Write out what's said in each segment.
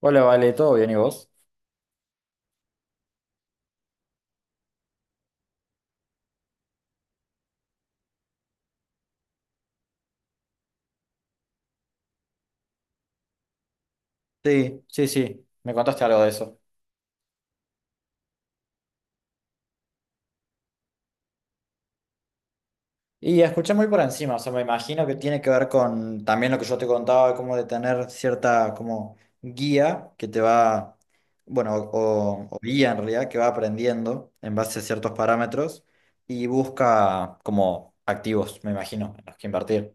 Hola, Vale, ¿todo bien y vos? Sí, sí, sí, me contaste algo de eso. Y escuché muy por encima, o sea, me imagino que tiene que ver con también lo que yo te contaba, como de tener cierta como guía que te va, bueno, o guía en realidad, que va aprendiendo en base a ciertos parámetros y busca como activos, me imagino, en los que invertir.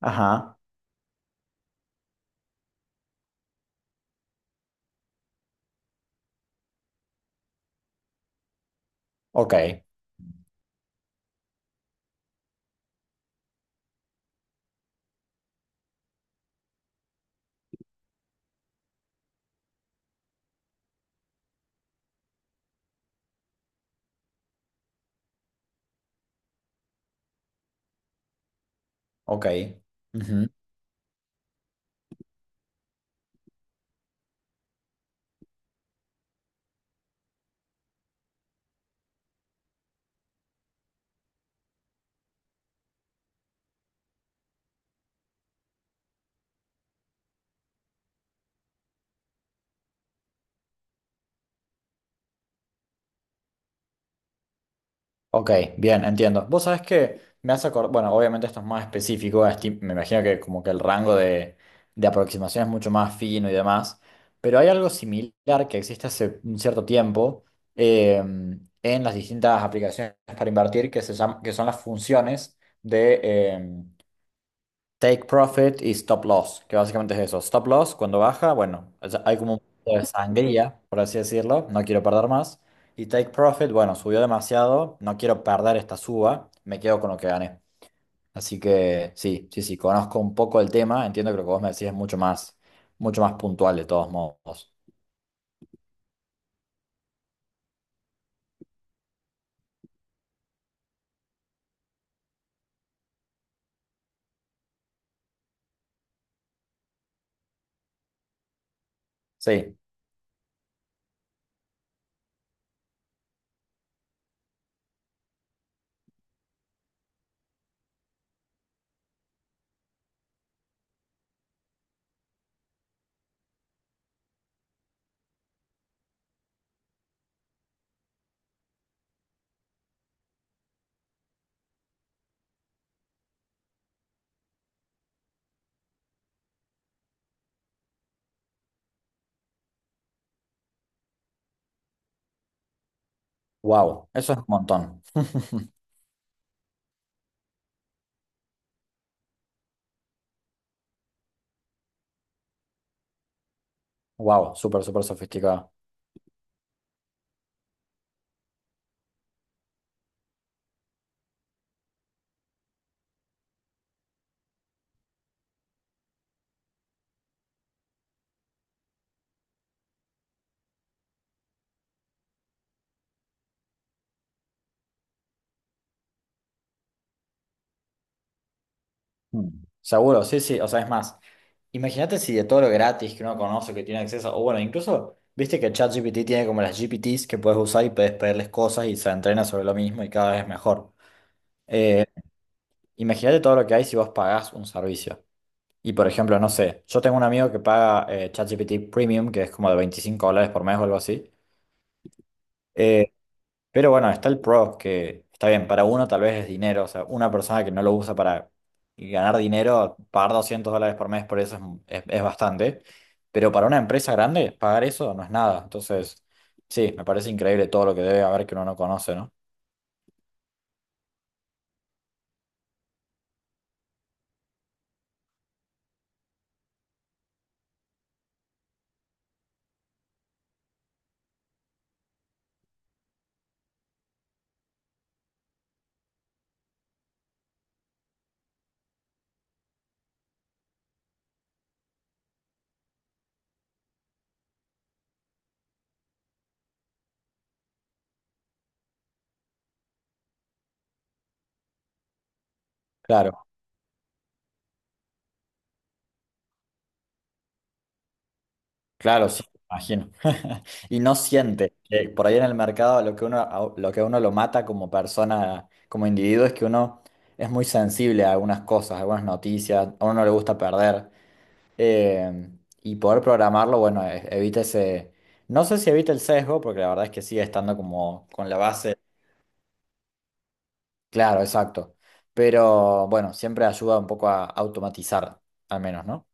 Ajá, ok, ok. Ok, bien, entiendo. Vos sabés que me hace acordar, bueno, obviamente esto es más específico, me imagino que como que el rango de aproximación es mucho más fino y demás, pero hay algo similar que existe hace un cierto tiempo eh, en las distintas aplicaciones para invertir que, se llama, que son las funciones de em, Take profit y stop loss, que básicamente es eso. Stop loss, cuando baja, bueno, o sea, hay como un poco de sangría, por así decirlo, no quiero perder más. Y take profit, bueno, subió demasiado, no quiero perder esta suba, me quedo con lo que gané. Así que sí, sí, sí, conozco un poco el tema, entiendo que lo que vos me decís es mucho más puntual de todos modos. Sí, wow, eso es un montón. Wow, súper, súper sofisticado. Mm. Seguro, sí, sí, o sea, es más, imagínate si de todo lo gratis que uno conoce, que tiene acceso, o bueno, incluso, viste que ChatGPT tiene como las GPTs que puedes usar y puedes pedirles cosas y se entrena sobre lo mismo y cada vez es mejor. Eh, imagínate todo lo que hay si vos pagás un servicio. Y por ejemplo, no sé, yo tengo un amigo que paga ChatGPT Premium, que es como de 25 dólares por mes o algo así. Eh, Pero bueno, está el pro, que está bien, para uno tal vez es dinero, o sea, una persona que no lo usa para ganar dinero, pagar 200 dólares por mes por eso es bastante, pero para una empresa grande, pagar eso no es nada. Entonces, sí, me parece increíble todo lo que debe haber que uno no conoce, ¿no? Claro, claro, sí, me imagino. Y no siente que por ahí en el mercado lo que uno, lo que a uno lo mata como persona, como individuo, es que uno es muy sensible a algunas cosas, a algunas noticias, a uno no le gusta perder. Eh, y poder programarlo, bueno, evita ese... No sé si evita el sesgo, porque la verdad es que sigue estando como con la base. Claro, exacto. Pero bueno, siempre ayuda un poco a automatizar, al menos, ¿no?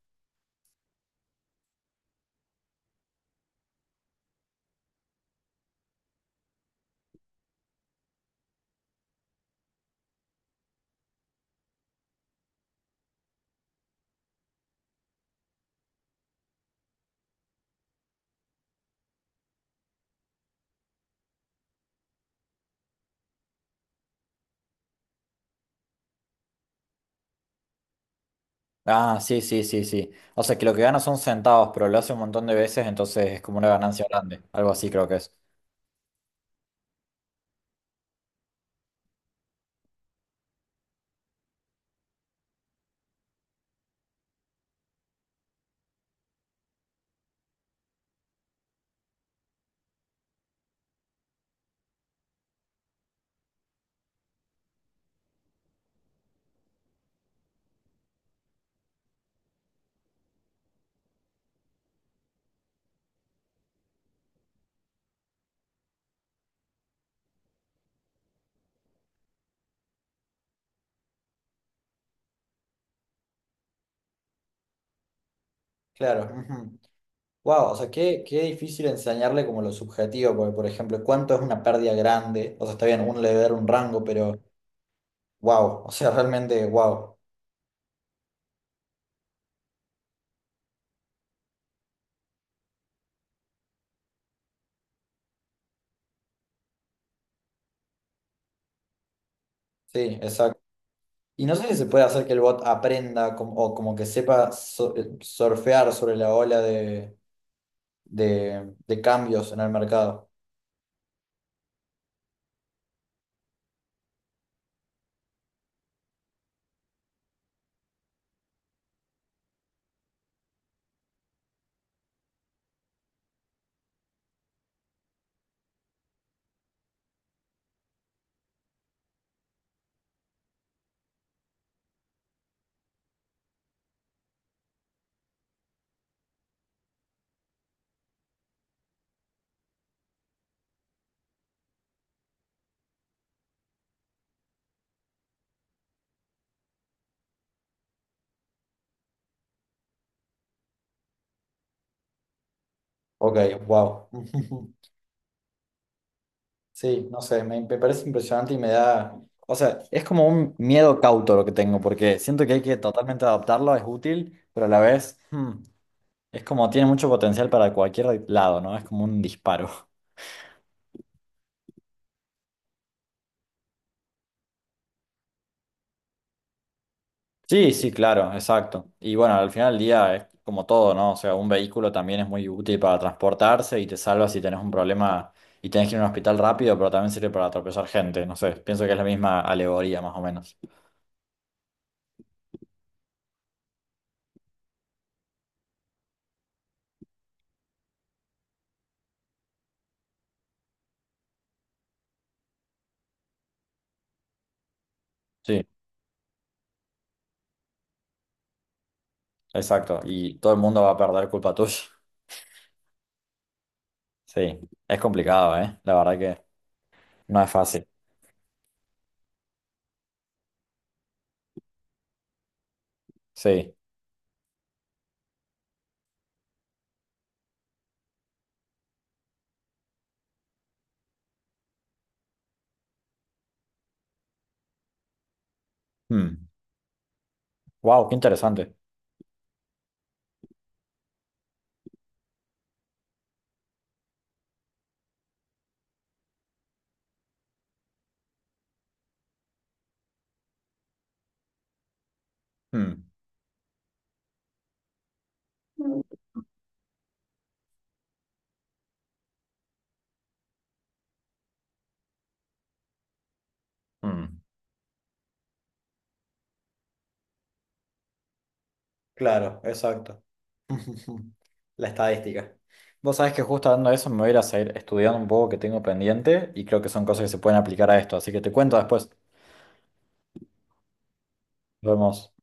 Ah, sí, sí, sí, sí. O sea, que lo que gana son centavos, pero lo hace un montón de veces, entonces es como una ganancia grande. Algo así creo que es. Claro. Wow, o sea, qué, qué difícil enseñarle como lo subjetivo, porque por ejemplo, cuánto es una pérdida grande, o sea, está bien, uno le debe dar un rango, pero wow, o sea, realmente wow. Sí, exacto. Y no sé si se puede hacer que el bot aprenda o como que sepa surfear sobre la ola de, de cambios en el mercado. Ok, wow. Sí, no sé, me parece impresionante y me da, o sea, es como un miedo cauto lo que tengo, porque siento que hay que totalmente adoptarlo, es útil, pero a la vez, hmm, es como tiene mucho potencial para cualquier lado, ¿no? Es como un disparo. Sí, sí, claro, exacto. Y bueno, al final del día es como todo, ¿no? O sea, un vehículo también es muy útil para transportarse y te salva si tenés un problema y tenés que ir a un hospital rápido, pero también sirve para atropellar gente, no sé, pienso que es la misma alegoría más o menos. Sí, exacto. Y todo el mundo va a perder culpa tuya. Sí, es complicado, ¿eh? La verdad que no es fácil. Sí. Wow, qué interesante. Mm. Mm. Mm. Claro, exacto. La estadística. Vos sabés que justo hablando de eso me voy a ir a seguir estudiando un poco que tengo pendiente y creo que son cosas que se pueden aplicar a esto, así que te cuento después. Nos vemos.